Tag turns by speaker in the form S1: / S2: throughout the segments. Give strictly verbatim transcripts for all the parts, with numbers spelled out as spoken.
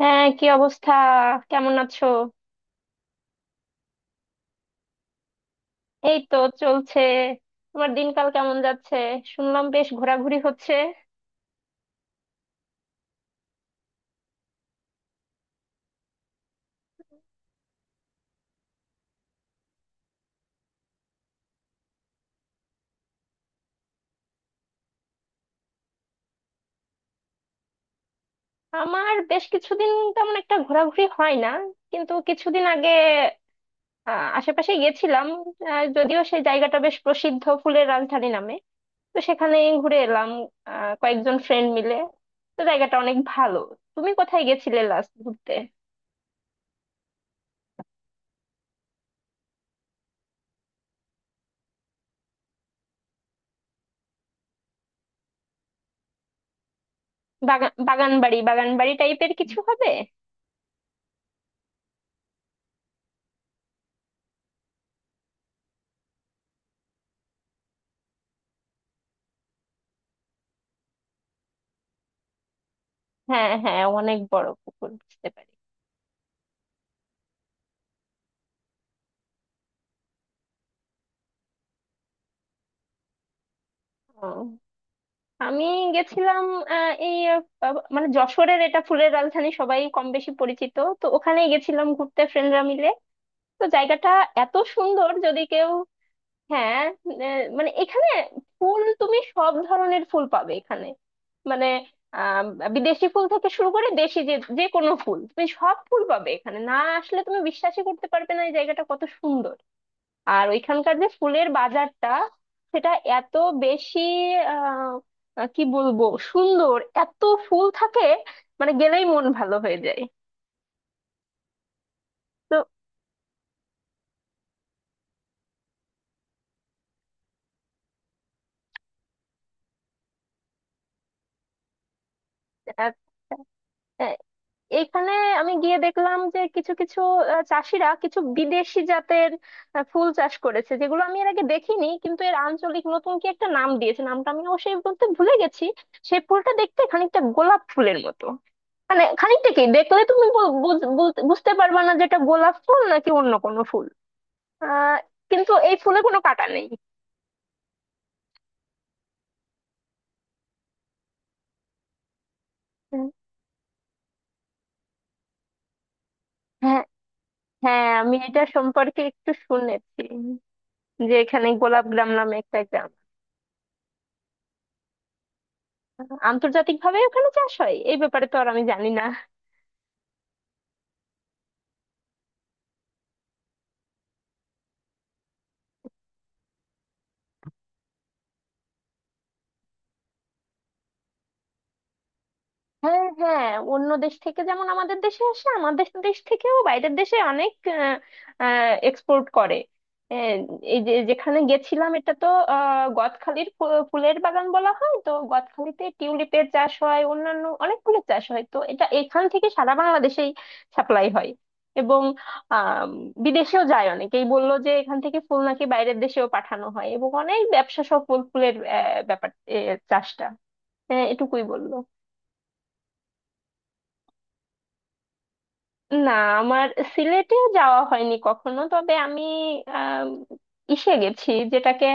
S1: হ্যাঁ, কি অবস্থা? কেমন আছো? এই তো চলছে। তোমার দিনকাল কেমন যাচ্ছে? শুনলাম বেশ ঘোরাঘুরি হচ্ছে। আমার বেশ কিছুদিন তেমন একটা ঘোরাঘুরি হয় না, কিন্তু কিছুদিন আগে আহ, আশেপাশে গেছিলাম। আহ, যদিও সেই জায়গাটা বেশ প্রসিদ্ধ ফুলের রাজধানী নামে, তো সেখানে ঘুরে এলাম আহ, কয়েকজন ফ্রেন্ড মিলে। তো জায়গাটা অনেক ভালো। তুমি কোথায় গেছিলে লাস্ট ঘুরতে? বাগান, বাগান বাড়ি বাগান বাড়ি টাইপের কিছু হবে। হ্যাঁ হ্যাঁ, অনেক বড় পুকুর, বুঝতে পারছি। ও, আমি গেছিলাম আহ, এই আহ, মানে যশোরের, এটা ফুলের রাজধানী, সবাই কম বেশি পরিচিত, তো ওখানেই গেছিলাম ঘুরতে ফ্রেন্ডরা মিলে। তো জায়গাটা এত সুন্দর, যদি কেউ। হ্যাঁ, আহ, মানে এখানে ফুল, তুমি সব ধরনের ফুল পাবে এখানে। মানে আহ বিদেশি ফুল থেকে শুরু করে দেশি যে যে কোনো ফুল, তুমি সব ফুল পাবে এখানে, না? আসলে তুমি বিশ্বাসই করতে পারবে না এই জায়গাটা কত সুন্দর। আর ওইখানকার যে ফুলের বাজারটা, সেটা এত বেশি আহ আহ, কি বলবো, সুন্দর, এত ফুল থাকে, মানে গেলেই মন ভালো হয়ে যায়। তো আহ, আহ, এইখানে আমি গিয়ে দেখলাম যে কিছু কিছু আহ, চাষিরা কিছু বিদেশি জাতের আহ, ফুল চাষ করেছে, যেগুলো আমি এর আগে দেখিনি, কিন্তু এর আঞ্চলিক নতুন কি একটা নাম দিয়েছে, নামটা আমি অবশ্যই বলতে ভুলে গেছি। সেই ফুলটা দেখতে খানিকটা গোলাপ ফুলের মতো। মানে খানিকটা কি, দেখলে তুমি বু- বুঝ- বুঝ- বুঝতে পারবা না যেটা গোলাপ ফুল নাকি অন্য কোনো ফুল। আহ কিন্তু এই ফুলে কোনো কাঁটা নেই। হুম। হ্যাঁ হ্যাঁ, আমি এটা সম্পর্কে একটু শুনেছি, যে এখানে গোলাপ গ্রাম নামে একটা গ্রাম। আন্তর্জাতিক ভাবে ওখানে চাষ হয় এই ব্যাপারে তো আর আমি জানি না। হ্যাঁ হ্যাঁ, অন্য দেশ থেকে যেমন আমাদের দেশে আসে, আমাদের দেশ থেকেও বাইরের দেশে অনেক এক্সপোর্ট করে। আহ, এই যে যেখানে গেছিলাম, এটা তো আহ, গদখালির ফু- ফুলের বাগান বলা হয়। তো গদখালিতে টিউলিপের চাষ হয়, অন্যান্য অনেক ফুলের চাষ হয়। তো এটা এখান থেকে সারা বাংলাদেশেই সাপ্লাই হয় এবং আহ বিদেশেও যায়। অনেকেই বললো যে এখান থেকে ফুল নাকি বাইরের দেশেও পাঠানো হয়, এবং অনেক ব্যবসা সফল ফুলের আহ, ব্যাপার এ, চাষটা। হ্যাঁ, এটুকুই বললো। না, আমার সিলেটে যাওয়া হয়নি কখনো, তবে আমি আম, ইসে গেছি, যেটাকে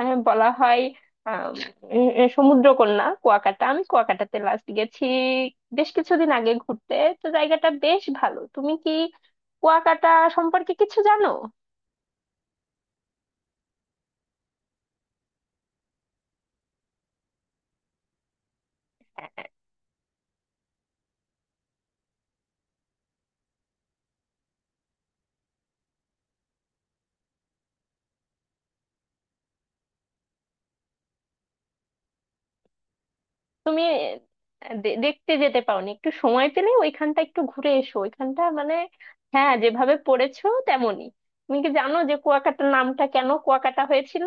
S1: আহ, বলা হয় আম, উম, উম, সমুদ্রকন্যা কুয়াকাটা। আমি কুয়াকাটাতে লাস্ট গেছি বেশ কিছুদিন আগে ঘুরতে। তো জায়গাটা বেশ ভালো। তুমি কি কুয়াকাটা সম্পর্কে কিছু জানো? তুমি আহ, দে- দেখতে যেতে পাওনি? একটু সময় পেলে ওইখানটা একটু ঘুরে এসো। ওইখানটা মানে, হ্যাঁ, যেভাবে পড়েছো তেমনই। তুমি কি জানো যে কুয়াকাটার নামটা কেন কুয়াকাটা হয়েছিল?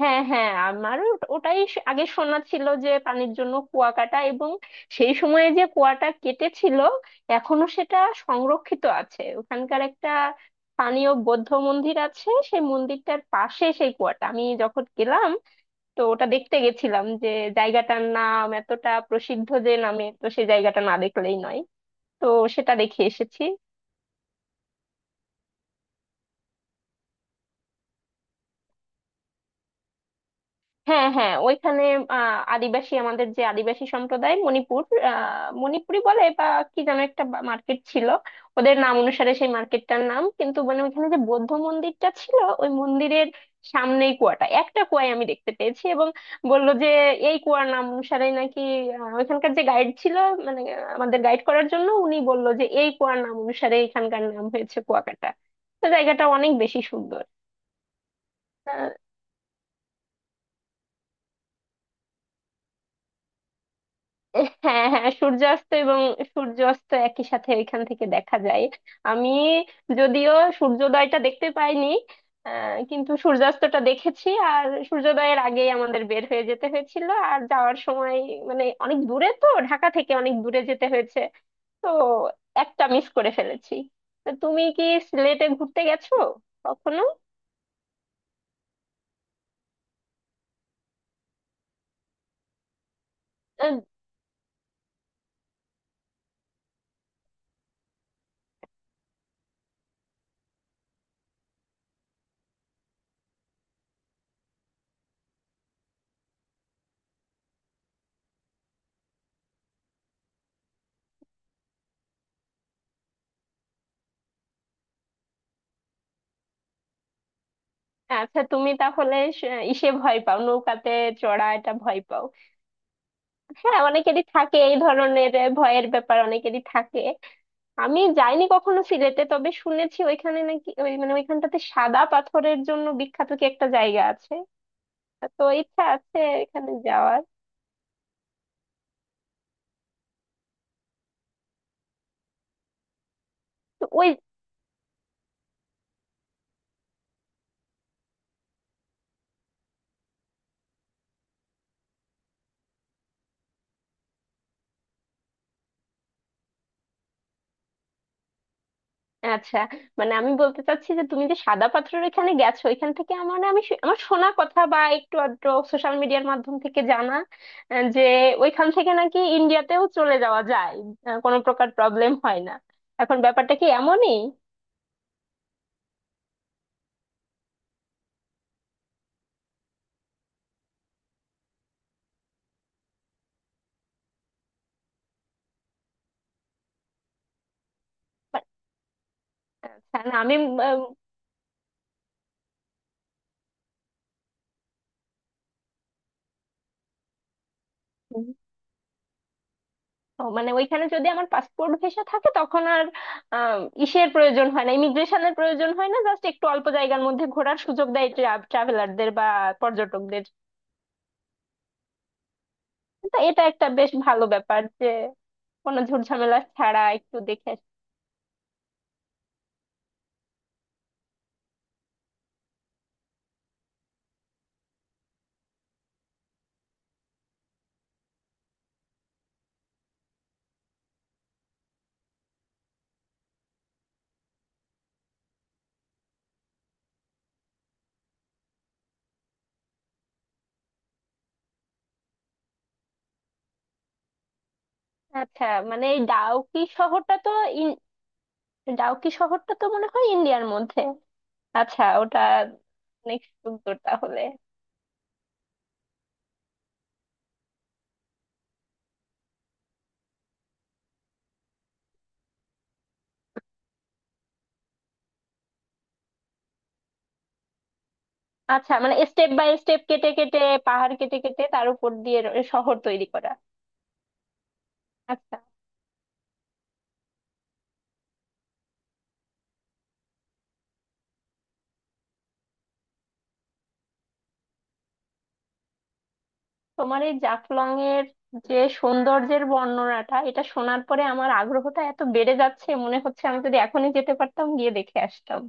S1: হ্যাঁ হ্যাঁ, আমারও ওট- ওটাই শ- আগে শোনা ছিল, যে পানির জন্য কুয়া কাটা, এবং সেই সময়ে যে কুয়াটা কেটেছিল এখনো সেটা সংরক্ষিত আছে। ওখানকার একটা স্থানীয় বৌদ্ধ মন্দির আছে, সেই মন্দিরটার পাশে সেই কুয়াটা আমি যখন গেলাম, তো ওটা দেখতে গেছিলাম, যে জায়গাটার নাম এতটা প্রসিদ্ধ যে নামে, তো সেই জায়গাটা না দেখলেই নয়। তো সেটা দেখে এসেছি। হ্যাঁ হ্যাঁ, ওইখানে আহ আদিবাসী, আমাদের যে আদিবাসী সম্প্রদায় মণিপুর, আহ মণিপুরি বলে, বা কি যেন একটা মার্কেট ছিল ওদের নাম অনুসারে, সেই মার্কেটটার নাম। কিন্তু মানে ওইখানে যে বৌদ্ধ মন্দিরটা ছিল, ওই মন্দিরের সামনেই কুয়াটা, একটা কুয়ায় আমি দেখতে পেয়েছি, এবং বললো যে এই কুয়ার নাম অনুসারে নাকি, আহ, ওইখানকার যে গাইড ছিল, মানে আহ, আমাদের গাইড করার জন্য, উনি বললো যে এই কুয়ার নাম অনুসারে এখানকার নাম হয়েছে কুয়াকাটা। তো জায়গাটা অনেক বেশি সুন্দর। হ্যাঁ হ্যাঁ, সূর্যাস্ত এবং সূর্যাস্ত একই সাথে এখান থেকে দেখা যায়। আমি যদিও সূর্যোদয়টা দেখতে পাইনি, আহ, কিন্তু সূর্যাস্তটা দেখেছি। আর সূর্যোদয়ের আগেই আমাদের বের হয়ে যেতে হয়েছিল, আর যাওয়ার সময় মানে অনেক দূরে, তো ঢাকা থেকে অনেক দূরে যেতে হয়েছে। তো একটা মিস করে ফেলেছি। তা তুমি কি সিলেটে ঘুরতে গেছো কখনো? আহ, আচ্ছা, তুমি তাহলে সে- ইসে ভয় পাও, নৌকাতে চড়া এটা ভয় পাও? হ্যাঁ, অনেকেরই থাকে এই ধরনের আহ, ভয়ের ব্যাপার, অনেকেরই থাকে। আমি যাইনি কখনো সিলেটে, তবে শুনেছি ওইখানে নাকি ওই মানে ওইখানটাতে সাদা পাথরের জন্য বিখ্যাত কি একটা জায়গা আছে। তো ইচ্ছা আছে এখানে যাওয়ার। তো ওই, আচ্ছা মানে আমি বলতে চাচ্ছি যে তুমি যে সাদা পাথরের ওইখানে গেছো, ওইখান থেকে আমার, মানে আমি শু- আমার শোনা কথা বা একটু আধটু সোশ্যাল মিডিয়ার মাধ্যম থেকে জানা আহ, যে ওইখান থেকে নাকি ইন্ডিয়াতেও চলে যাওয়া যায়, আহ, কোনো প্রকার প্রবলেম হয় না। এখন ব্যাপারটা কি এমনই? আচ্ছা, না আমি আহ, উম, ও, মানে ওইখানে যদি আমার পাসপোর্ট ভিসা থাকে, তখন আর আম, ইসের প্রয়োজন হয় না, ইমিগ্রেশনের প্রয়োজন হয় না, জাস্ট একটু অল্প জায়গার মধ্যে ঘোরার সুযোগ দেয় ট্রাভেলারদের বা পর্যটকদের। তো এটা একটা বেশ ভালো ব্যাপার যে কোনো ঝুটঝামেলা ছাড়া একটু দেখে আসি। আচ্ছা মানে এই ডাউকি শহরটা তো, ইন- ডাউকি শহরটা তো মনে হয় ইন্ডিয়ার মধ্যে। আচ্ছা, ওটা অনেক সুন্দর তাহলে। আচ্ছা, মানে স্টেপ বাই স্টেপ কেটে কেটে, পাহাড় কেটে কেটে তার উপর দিয়ে র- শহর তৈরি করা। আচ্ছা, তোমার এই জাফলং এর যে সৌন্দর্যের বর্ণনাটা, এটা শোনার পরে আমার আগ্রহটা এত বেড়ে যাচ্ছে, মনে হচ্ছে আমি যদি এখনই যেতে পারতাম, গিয়ে দেখে আসতাম।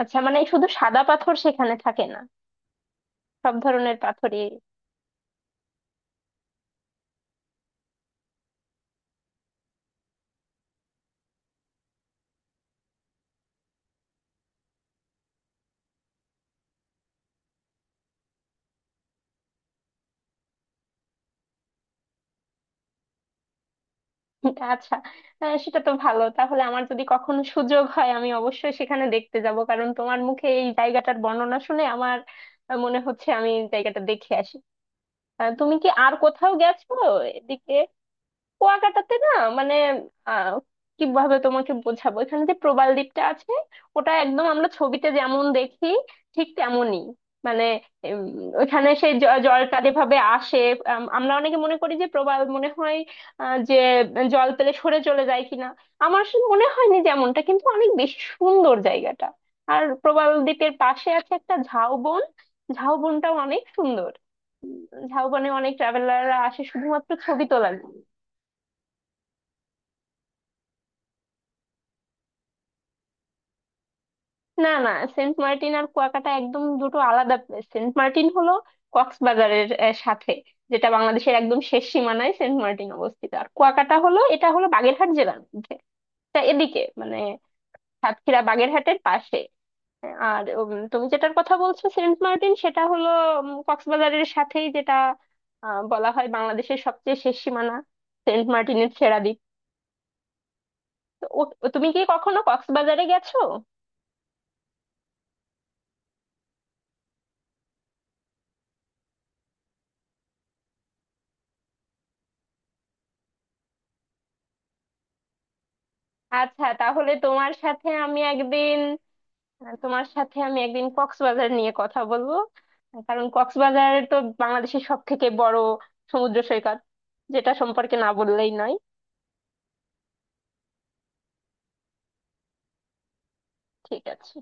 S1: আচ্ছা, মানে শুধু সাদা পাথর সেখানে থাকে না, সব ধরনের পাথরই? আচ্ছা, হ্যাঁ সেটা তো ভালো তাহলে। আমার যদি কখনো সুযোগ হয়, আমি অবশ্যই সেখানে দেখতে যাব, কারণ তোমার মুখে এই জায়গাটার বর্ণনা শুনে আমার আহ, মনে হচ্ছে আমি জায়গাটা দেখে আসি। আহ, তুমি কি আর কোথাও গেছো এদিকে? কুয়াকাটাতে না, মানে আহ কিভাবে তোমাকে বোঝাবো, এখানে যে প্রবাল দ্বীপটা আছে, ওটা একদম আমরা ছবিতে যেমন দেখি ঠিক তেমনই। মানে উম, ওখানে সেই জ- জলটা যেভাবে আসে, আম, আমরা অনেকে মনে করি যে প্রবাল মনে হয় আহ, যে জল পেলে সরে চলে যায় কিনা। আমার আসলে মনে হয়নি যেমনটা, কিন্তু অনেক বেশি সুন্দর জায়গাটা। আর প্রবাল দ্বীপের পাশে আছে একটা ঝাউবন। ঝাউবনটাও অনেক সুন্দর। উম, ঝাউবনে অনেক ট্রাভেলাররা আসে শুধুমাত্র ছবি তোলার। না না, সেন্ট মার্টিন আর কুয়াকাটা একদম দুটো আলাদা প্লেস। সেন্ট মার্টিন হলো কক্সবাজারের আহ, সাথে, যেটা বাংলাদেশের একদম শেষ সীমানায় সেন্ট মার্টিন অবস্থিত। আর কুয়াকাটা হলো, এটা হলো বাগেরহাট জেলার মধ্যে। তা এদিকে মানে সাতক্ষীরা বাগেরহাটের পাশে। আর উম, তুমি যেটার কথা বলছো সেন্ট মার্টিন, সেটা হলো উম, কক্সবাজারের সাথেই, যেটা আহ, বলা হয় বাংলাদেশের সবচেয়ে শেষ সীমানা, সেন্ট মার্টিনের ছেড়া দ্বীপ। তো ও- তুমি কি কখনো কক্সবাজারে গেছো? আচ্ছা, তাহলে তোমার সাথে আমি একদিন, আহ, তোমার সাথে আমি একদিন কক্সবাজার নিয়ে কথা বলবো, আহ, কারণ কক্সবাজার তো বাংলাদেশের সব থেকে বড় সমুদ্র সৈকত, যেটা সম্পর্কে না বললেই নয়। ঠিক আছে।